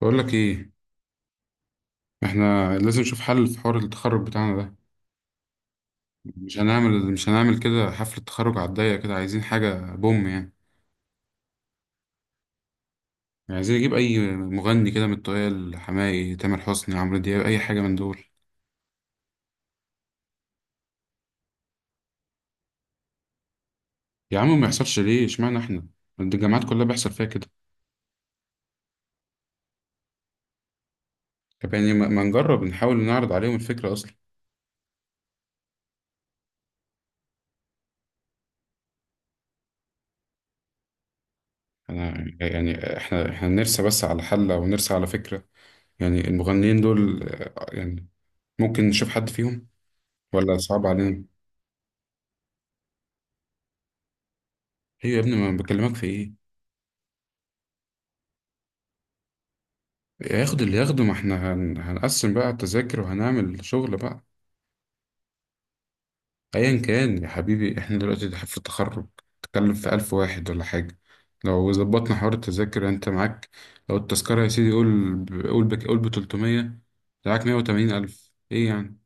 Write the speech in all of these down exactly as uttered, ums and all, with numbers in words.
بقول لك ايه. احنا لازم نشوف حل في حوار التخرج بتاعنا ده. مش هنعمل مش هنعمل كده حفلة تخرج على الضيق كده، عايزين حاجة بوم يعني يعني عايزين نجيب اي مغني كده من التقال، حماقي، تامر حسني، عمرو دياب، اي حاجة من دول. يا عم، ما يحصلش ليه، اشمعنى احنا؟ ده الجامعات كلها بيحصل فيها كده. طب يعني ما ما نجرب، نحاول نعرض عليهم الفكرة اصلا. انا يعني احنا احنا نرسى بس على حل او نرسى على فكرة. يعني المغنيين دول آه، يعني ممكن نشوف حد فيهم، ولا صعب علينا؟ ايوه يا ابني، ما بكلمك في ايه. ياخد اللي ياخده، ما احنا هن... هنقسم بقى التذاكر وهنعمل شغل بقى. ايا كان يا حبيبي، احنا دلوقتي ده في التخرج، تتكلم في ألف واحد ولا حاجة. لو ظبطنا حوار التذاكر انت معاك، لو التذكرة يا سيدي، قول ب- قول بك قول بتلتمية، معاك مية وتمانين ألف، ايه يعني؟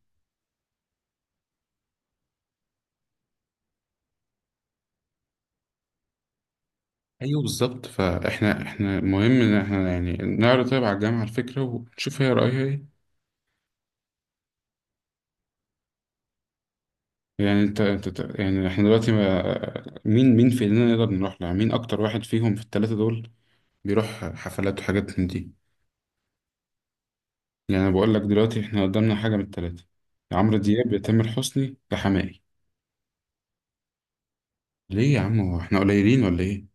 ايوه بالظبط، فاحنا احنا مهم ان احنا يعني نعرض طيب على الجامعة الفكرة، ونشوف هي رأيها ايه. يعني انت انت أنت- يعني احنا دلوقتي، ما مين مين في ايدينا، نقدر نروح لها مين اكتر واحد فيهم في الثلاثة دول، بيروح حفلات وحاجات من دي. يعني أنا بقول لك دلوقتي، إحنا قدامنا حاجة من التلاتة: يا عمرو دياب، يا تامر حسني، يا حماقي. ليه يا عم، هو إحنا قليلين ولا إيه؟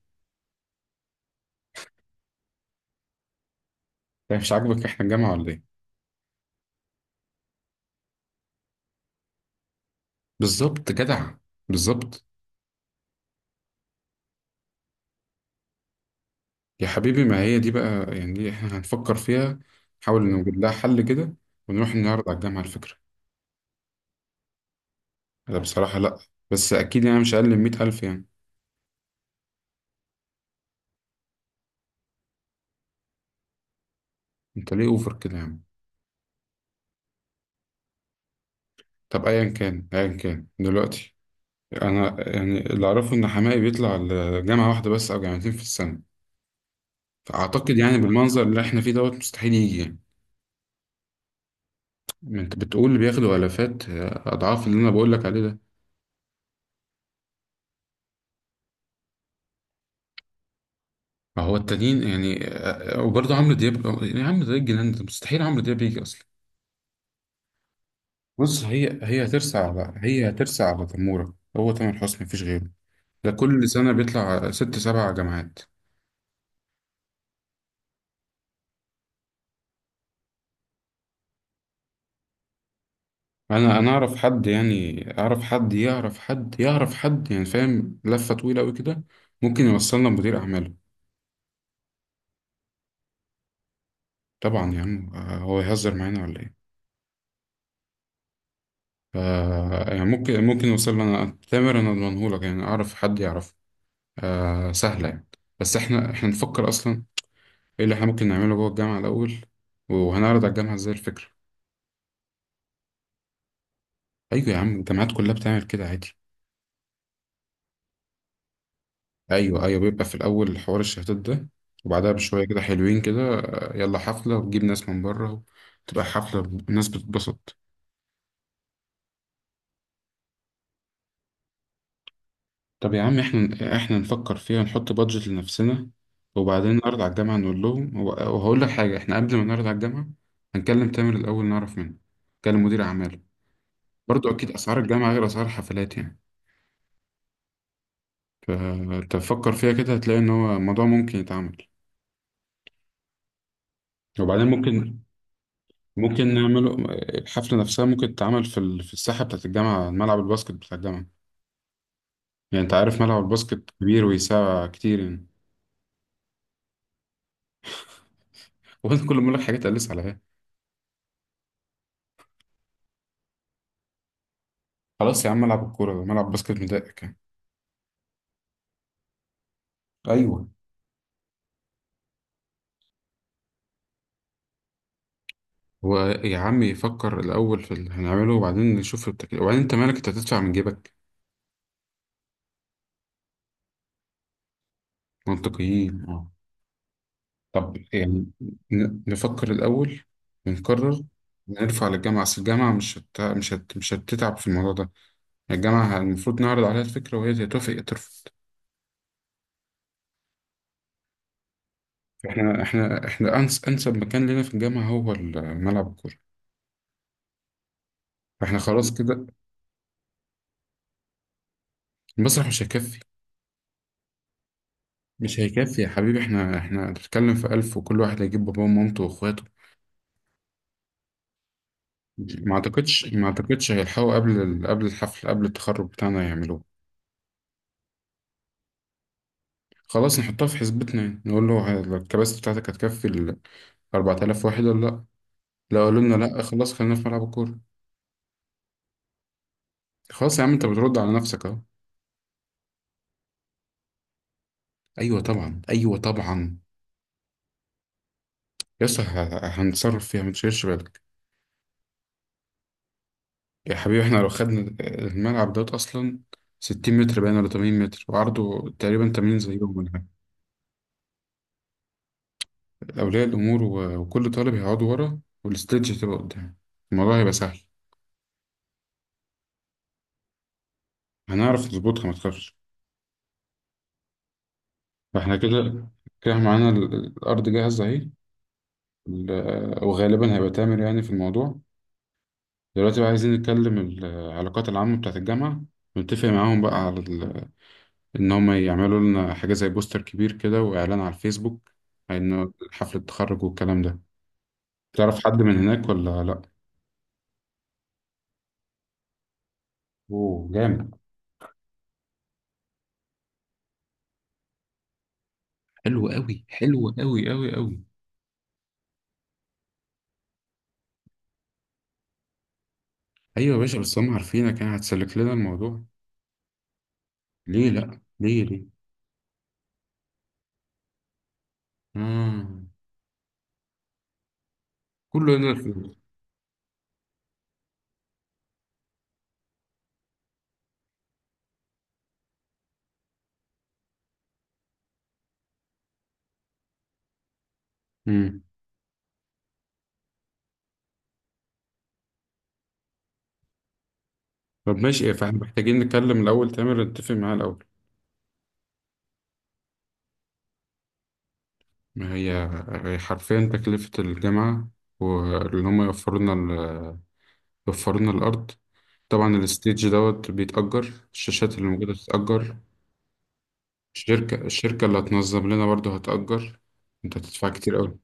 يعني مش عاجبك إحنا الجامعة ولا إيه؟ بالظبط جدع، بالظبط. يا حبيبي، ما هي دي بقى يعني، دي إحنا هنفكر فيها، نحاول نوجد لها حل كده، ونروح نعرض على الجامعة الفكرة. أنا بصراحة لأ، بس أكيد يعني مش أقل من مية ألف يعني. أنت ليه أوفر كده يا عم؟ طب أيا كان أيا كان دلوقتي، انا يعني اللي اعرفه ان حماقي بيطلع لجامعه واحده بس او جامعتين في السنه، فاعتقد يعني بالمنظر اللي احنا فيه دوت مستحيل يجي يعني. ما انت بتقول اللي بياخدوا الافات، آه، اضعاف اللي انا بقول لك عليه ده. ما هو التانيين يعني، آه، آه، وبرضه عمرو دياب، آه، يعني عمرو دياب الجنان ده، مستحيل عمرو دياب يجي اصلا. بص، هي هي هترسى على هي هترسى على تموره، هو تامر حسني مفيش غيره. ده كل سنه بيطلع ست سبع جامعات. انا انا اعرف حد، يعني اعرف حد يعرف حد يعرف حد، يعني فاهم لفه طويله قوي كده، ممكن يوصلنا لمدير اعماله. طبعا يا عم، آه، هو يهزر معانا ولا ايه. ف، يعني ممكن ممكن يوصل لنا تامر، انا اضمنهولك، يعني اعرف حد يعرف. آه سهله يعني. بس احنا احنا نفكر اصلا ايه اللي احنا ممكن نعمله جوه الجامعه الاول، وهنعرض على الجامعه ازاي الفكره. ايوه يا عم، الجامعات كلها بتعمل كده عادي. ايوه ايوه، بيبقى في الاول حوار الشهادات ده، وبعدها بشويه كده حلوين كده، آه، يلا حفله، وتجيب ناس من بره. تبقى حفله، الناس بتتبسط. طب يا عم، احنا احنا نفكر فيها، نحط بادجت لنفسنا، وبعدين نعرض على الجامعه، نقول لهم هو- وهقول لك حاجه، احنا قبل ما نعرض على الجامعه هنكلم تامر الاول، نعرف منه، نكلم مدير اعماله. برضو اكيد اسعار الجامعه غير اسعار الحفلات يعني. فتفكر فيها كده، هتلاقي ان هو الموضوع ممكن يتعمل. وبعدين ممكن ممكن نعمله الحفلة نفسها، ممكن تتعمل في ال- في الساحة بتاعة الجامعة، ملعب الباسكت بتاع الجامعة. يعني أنت عارف، ملعب الباسكت كبير ويسع كتير يعني. وأنت كل ما أقول لك حاجات تقلس عليها. خلاص يا عم، ملعب الكورة ده ملعب باسكت مضايقك يعني؟ ايوه. هو يا عم، يفكر الأول في اللي هنعمله، وبعدين نشوف التكلفة، وبعدين أنت مالك، أنت هتدفع من جيبك؟ منطقيين أه. طب يعني ن- نفكر الأول ونقرر، نرفع للجامعة، أصل الجامعة مش هت... مش هت... مش هتتعب في الموضوع ده. الجامعة المفروض نعرض عليها الفكرة، وهي يا توافق يا ترفض. احنا احنا احنا أنس أنسب مكان لنا في الجامعة هو ال- ملعب الكورة، فاحنا خلاص كده. المسرح مش هيكفي. مش هيكفي يا حبيبي، احنا احنا بنتكلم في ألف، وكل واحد هيجيب باباه ومامته وإخواته. ما أعتقدش، ما أعتقدش هيلحقوا قبل ال- قبل الحفل قبل التخرج بتاعنا يعملوه. خلاص، نحطها في حسبتنا يعني. نقول له ه- الكباسة بتاعتك هتكفي ال أربعة آلاف واحد ولا لأ؟ لو قالوا لنا لأ، خلاص خلينا في ملعب الكورة. خلاص يا عم، أنت بترد على نفسك أهو. ايوه طبعا، ايوه طبعا. يس ه- هنتصرف فيها، متشيلش بالك. يا حبيبي، احنا لو خدنا الملعب دوت اصلا ستين متر باين، ولا تمانين متر، وعرضه تقريبا تمانين زيهم ولا حاجة. اولياء الامور و- وكل طالب هيقعدوا ورا، والاستيدج هتبقى قدام. الموضوع هيبقى سهل، هنعرف نظبطها ما تخافش. فاحنا كده كده، معانا ال- الارض جاهزه اهي. ال- وغالبا هيبقى تامر يعني في الموضوع. دلوقتي بقى، عايزين نتكلم العلاقات العامه بتاعت الجامعه، ونتفق معاهم بقى على ان هم يعملوا لنا حاجة زي بوستر كبير كده، واعلان على الفيسبوك، انه حفلة التخرج والكلام ده. تعرف حد من هناك ولا لا؟ اوه جامد. حلو قوي، حلو قوي قوي قوي. ايوه يا باشا، بس هم عارفينك يعني، هتسلك لنا الموضوع. ليه لا، ليه ليه؟ اه، كله هنا الفلوس. امم طب ماشي إيه، فاحنا محتاجين نتكلم الاول تامر، نتفق معاه الاول. ما هي، هي حرفيا تكلفة الجامعة، واللي هم يوفروا لنا ال- يوفروا لنا الارض. طبعا الستيج دوت بيتأجر، الشاشات اللي موجودة بتتأجر، الشركة الشركة اللي هتنظم لنا برضه هتأجر. انت هتدفع كتير أوي.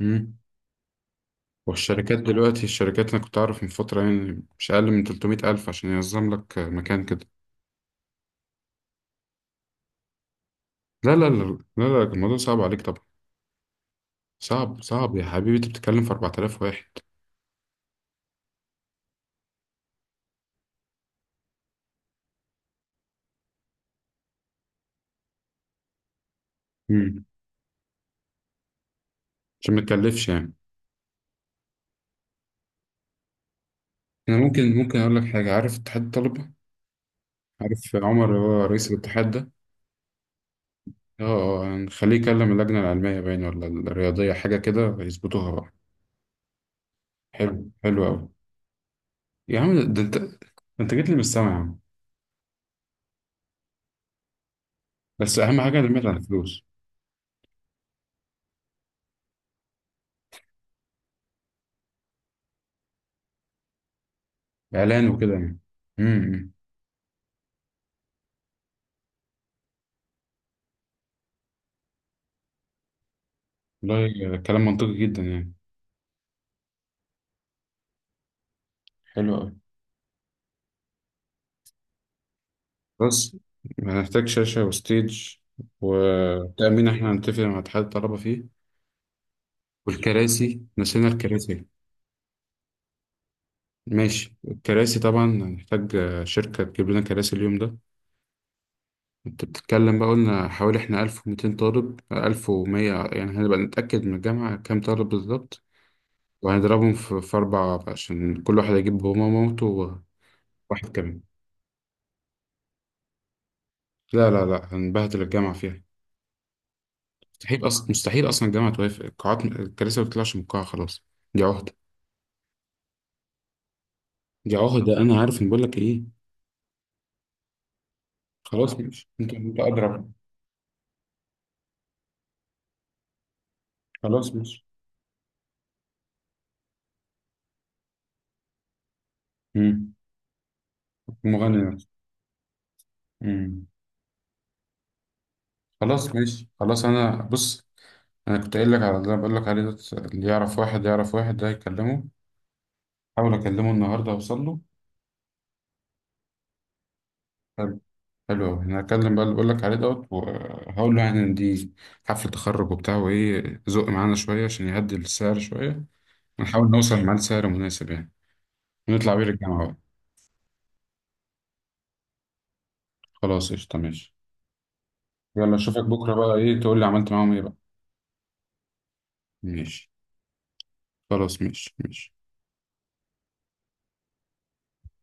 مم. والشركات دلوقتي الشركات أنا كنت أعرف من فترة يعني، مش أقل من ثلاثمائة ألف عشان ينظم لك مكان كده. لا لا لا، لا لا، الموضوع صعب عليك طبعا. صعب، صعب يا حبيبي، أنت بتتكلم في أربعت آلاف واحد. مم. عشان ما تكلفش يعني. أنا ممكن ممكن أقول لك حاجة، عارف اتحاد الطلبة؟ عارف عمر اللي هو رئيس الاتحاد ده؟ اه، آه، هنخليه يكلم اللجنة العلمية باين ولا الرياضية، حاجة كده يظبطوها بقى. حلو، حلو أوي. يا عم ده، أنت ده، أنت جيت لي من السما يا عم. بس أهم حاجة اللي على الفلوس. إعلان وكده يعني. أمم، امم. والله كلام منطقي جدا يعني. حلو أوي. بس هنحتاج شاشة وستيج وتأمين، إحنا هنتفق مع اتحاد الطلبة فيه. والكراسي، نسينا الكراسي. ماشي الكراسي، طبعا هنحتاج آه، شركة تجيب لنا كراسي اليوم ده. انت بتتكلم بقى، قلنا حوالي احنا ألف ومئتين طالب، ألف ومية يعني، هنبقى نتأكد من الجامعة كام طالب بالظبط. وهنضربهم في، في أربعة، عشان كل واحد يجيب بابا ومامته وواحد كمان. لا لا لا، هنبهدل الجامعة فيها. مستحيل أصلا، مستحيل أصلا الجامعة توافق، القاعات الكراسي ما بتطلعش من القاعة خلاص، دي عهدة. دي عهدة، أنا عارف إن، بقول لك إيه. خلاص ماشي، أنت أنت أضرب. خلاص ماشي. مم. المغني نفسه. خلاص ماشي، خلاص انا بص، انا كنت قايل لك على اللي أنا بقول لك عليه ده، اللي يعرف واحد يعرف واحد ده، يكلمه. حاول اكلمه النهارده، اوصل له. حلو، حلو أوي. انا هكلم بقى اللي بقول لك عليه دوت، وهقول له يعني ان دي حفله تخرج وبتاع وايه، زق معانا شويه عشان يهدي السعر شويه، ونحاول نوصل معاه لسعر مناسب يعني، ونطلع بيه للجامعه بقى. خلاص قشطه، ماشي. يلا اشوفك بكره بقى، ايه تقول لي عملت معاهم ايه بقى. ماشي، خلاص ماشي ماشي.